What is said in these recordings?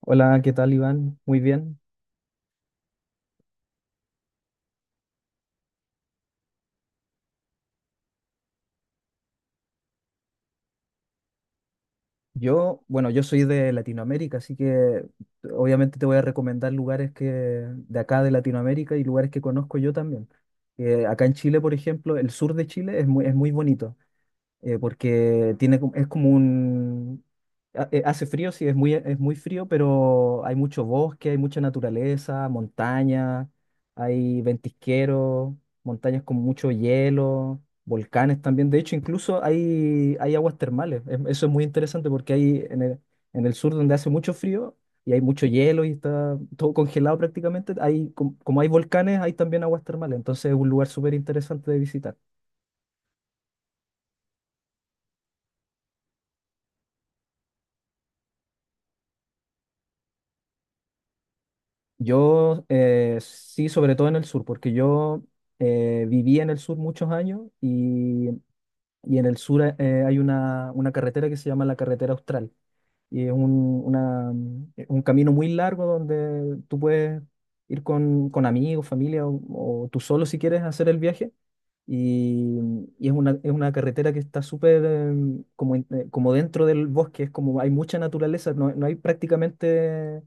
Hola, ¿qué tal, Iván? Muy bien. Yo, bueno, yo soy de Latinoamérica, así que obviamente te voy a recomendar lugares que de acá de Latinoamérica y lugares que conozco yo también. Acá en Chile, por ejemplo, el sur de Chile es muy bonito. Porque tiene, es como un... Hace frío, sí, es muy frío, pero hay mucho bosque, hay mucha naturaleza, montaña, hay ventisqueros, montañas con mucho hielo, volcanes también. De hecho, incluso hay aguas termales. Eso es muy interesante porque hay en el sur donde hace mucho frío y hay mucho hielo y está todo congelado prácticamente, hay, como hay volcanes, hay también aguas termales. Entonces es un lugar súper interesante de visitar. Yo sí, sobre todo en el sur, porque yo viví en el sur muchos años, y en el sur, hay una carretera que se llama la Carretera Austral. Y es un camino muy largo donde tú puedes ir con amigos, familia o tú solo si quieres hacer el viaje. Y, y es una carretera que está súper como, como dentro del bosque, es como hay mucha naturaleza, no hay prácticamente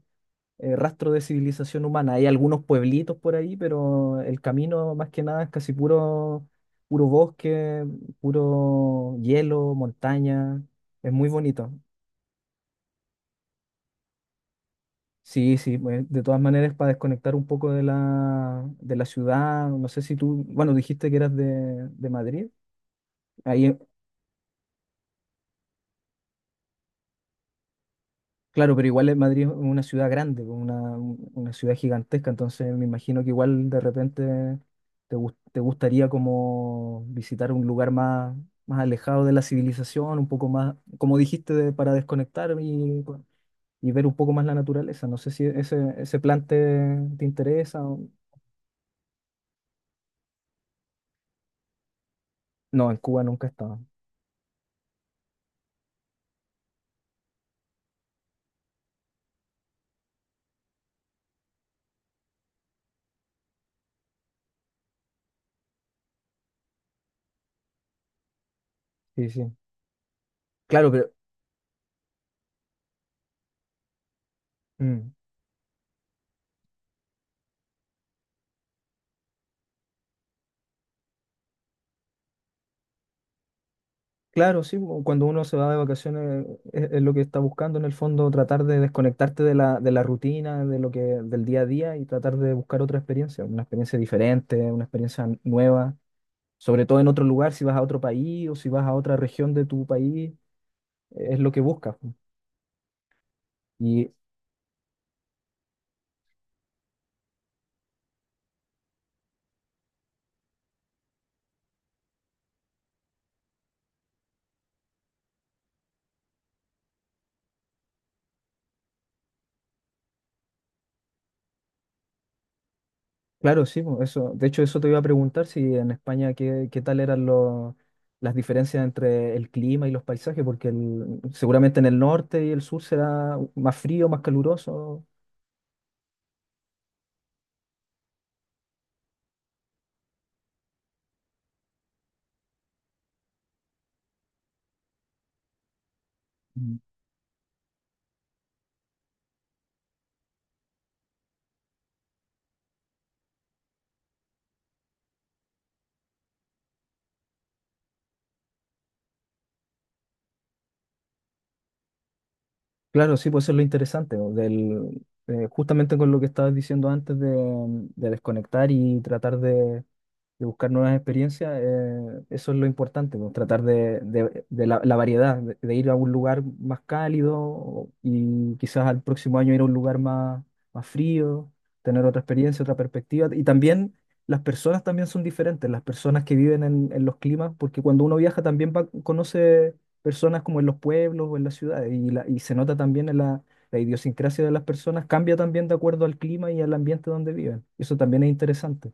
rastro de civilización humana. Hay algunos pueblitos por ahí, pero el camino más que nada es casi puro, puro bosque, puro hielo, montaña. Es muy bonito. Sí, sí, pues, de todas maneras para desconectar un poco de de la ciudad. No sé si tú, bueno, dijiste que eras de Madrid. Ahí claro, pero Madrid es una ciudad grande, pues, una ciudad gigantesca, entonces me imagino que igual de repente te gustaría como visitar un lugar más, más alejado de la civilización, un poco más, como dijiste, para desconectar y ver un poco más la naturaleza. No sé si ese plan te interesa. No, en Cuba nunca he estado. Sí, sí. Claro, pero... mm. Claro, sí, o cuando uno se va de vacaciones es lo que está buscando en el fondo, tratar de desconectarte de de la rutina, del día a día y tratar de buscar otra experiencia, una experiencia diferente, una experiencia nueva, sobre todo en otro lugar, si vas a otro país o si vas a otra región de tu país, es lo que buscas po. Y claro, sí, po, eso, de hecho eso te iba a preguntar si en España qué tal eran los, las diferencias entre el clima y los paisajes, porque seguramente en el norte y el sur será más frío, más caluroso. Claro, sí, pues eso es lo interesante, ¿no? Justamente con lo que estabas diciendo antes de desconectar y tratar de buscar nuevas experiencias, eso es lo importante, ¿no? Tratar de la variedad, de ir a un lugar más cálido y quizás al próximo año ir a un lugar más, más frío, tener otra experiencia, otra perspectiva. Y también las personas también son diferentes, las personas que viven en los climas, porque cuando uno viaja también conoce personas como en los pueblos o en las ciudades. Y, y se nota también en la idiosincrasia de las personas, cambia también de acuerdo al clima y al ambiente donde viven. Eso también es interesante.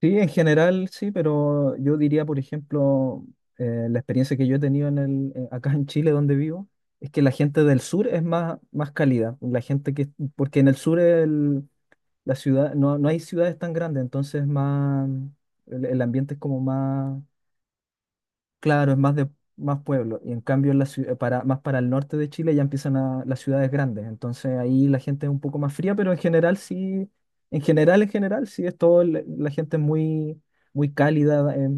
Sí, en general sí, pero yo diría, por ejemplo, la experiencia que yo he tenido en acá en Chile, donde vivo, es que la gente del sur es más, más cálida. La gente que, porque en el sur la ciudad, no hay ciudades tan grandes, entonces es más, el ambiente es como más claro, es más de más pueblo. Y en cambio, en la para, más para el norte de Chile ya empiezan las ciudades grandes. Entonces ahí la gente es un poco más fría, pero en general, sí es todo, la gente es muy, muy cálida,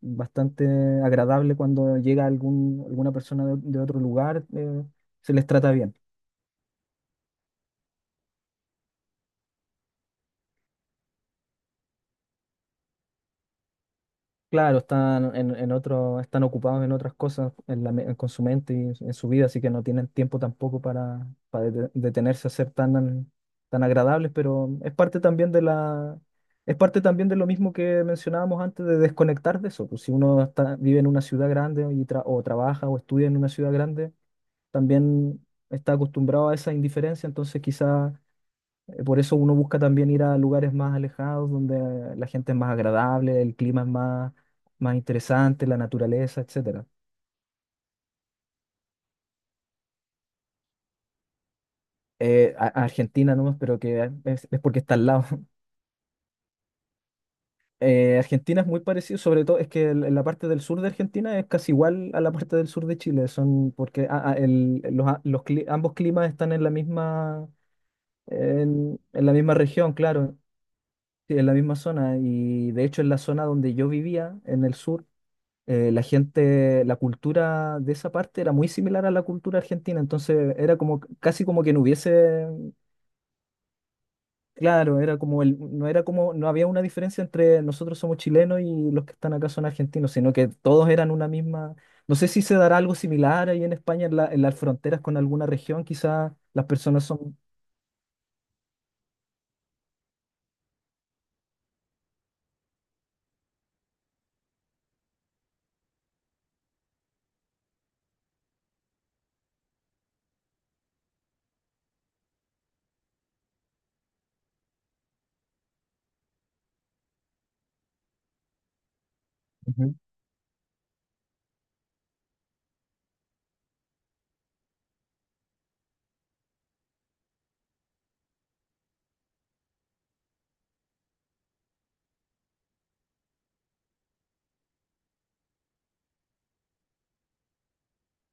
bastante agradable cuando llega alguna persona de otro lugar, se les trata bien. Claro, están en otro, están ocupados en otras cosas en la con su mente y en su vida, así que no tienen tiempo tampoco para, para detenerse a ser tan, tan agradables, pero es parte también de es parte también de lo mismo que mencionábamos antes de desconectar de eso. Pues si uno está, vive en una ciudad grande y o trabaja o estudia en una ciudad grande, también está acostumbrado a esa indiferencia, entonces quizás por eso uno busca también ir a lugares más alejados, donde la gente es más agradable, el clima es más, más interesante, la naturaleza, etcétera. A Argentina nomás, pero que es porque está al lado. Argentina es muy parecido, sobre todo es que en la parte del sur de Argentina es casi igual a la parte del sur de Chile, son porque los, ambos climas están en la misma, en la misma región, claro, sí, en la misma zona. Y de hecho en la zona donde yo vivía, en el sur, la gente, la cultura de esa parte era muy similar a la cultura argentina, entonces era como casi como que no hubiese, claro, era como no era como, no había una diferencia entre nosotros somos chilenos y los que están acá son argentinos, sino que todos eran una misma. No sé si se dará algo similar ahí en España, en en las fronteras con alguna región, quizás las personas son. Ujú.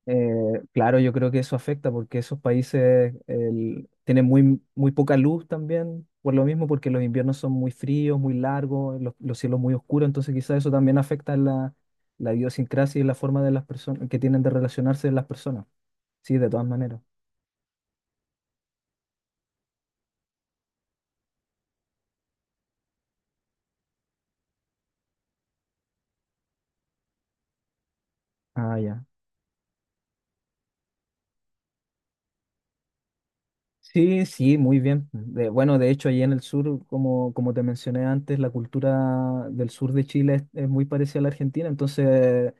Claro, yo creo que eso afecta porque esos países tienen muy, muy poca luz también, por lo mismo, porque los inviernos son muy fríos, muy largos, los cielos muy oscuros, entonces quizás eso también afecta la idiosincrasia y la forma de las personas que tienen de relacionarse las personas. Sí, de todas maneras. Ah, ya. Sí, sí, muy bien. Bueno, de hecho, allí en el sur, como, como te mencioné antes, la cultura del sur de Chile es muy parecida a la argentina, entonces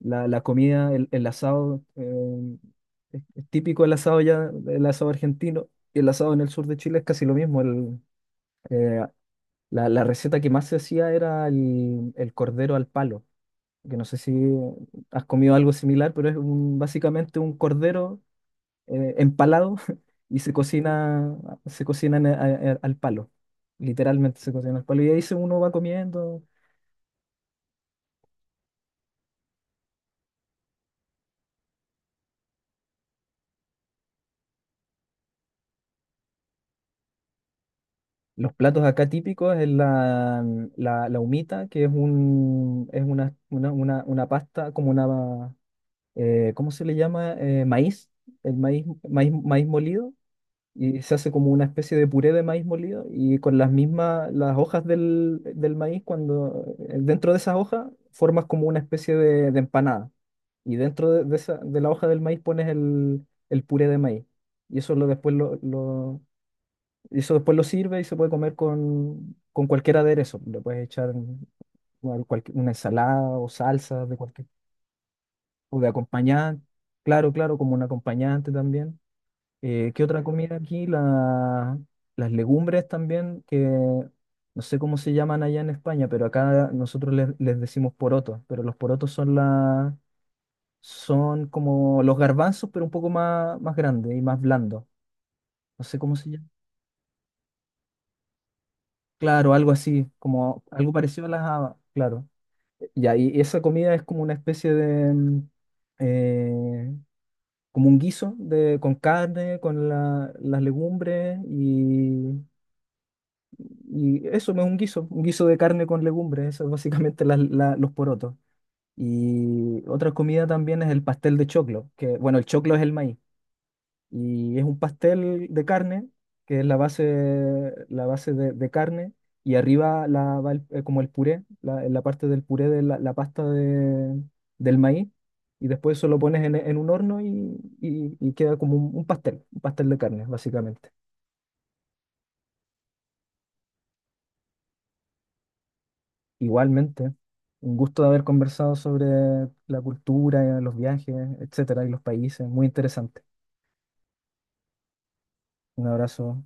la comida, el asado, es típico el asado ya, el asado argentino, y el asado en el sur de Chile es casi lo mismo. El, eh, la receta que más se hacía era el cordero al palo, que no sé si has comido algo similar, pero es básicamente un cordero empalado y se cocina, se cocinan a- al palo. Literalmente se cocina al palo. Y ahí se uno va comiendo. Los platos acá típicos es la humita, que es un, es una pasta, como una, ¿cómo se le llama? Maíz, maíz molido. Y se hace como una especie de puré de maíz molido y con las mismas, las hojas del maíz, cuando dentro de esas hojas formas como una especie de empanada y dentro de esa, de la hoja del maíz pones el puré de maíz. Y eso lo, y eso después lo sirve y se puede comer con cualquier aderezo. Le puedes echar cualquier, una ensalada o salsa de cualquier, o de acompañante. Claro, claro, como un acompañante también. ¿Qué otra comida aquí? Las legumbres también, que no sé cómo se llaman allá en España, pero acá nosotros les decimos porotos, pero los porotos son la son como los garbanzos, pero un poco más, más grandes y más blandos. No sé cómo se llama. Claro, algo así, como algo parecido a las habas, claro. Ya, y esa comida es como una especie de, eh, como un guiso de, con carne, con las legumbres y eso no es un guiso de carne con legumbres, eso es básicamente los porotos. Y otra comida también es el pastel de choclo, que bueno, el choclo es el maíz. Y es un pastel de carne, que es la base de carne, y arriba la, como el puré, la, en la parte del puré de la pasta del maíz, y después eso lo pones en un horno y, y queda como un pastel de carne, básicamente. Igualmente, un gusto de haber conversado sobre la cultura, los viajes, etcétera, y los países, muy interesante. Un abrazo.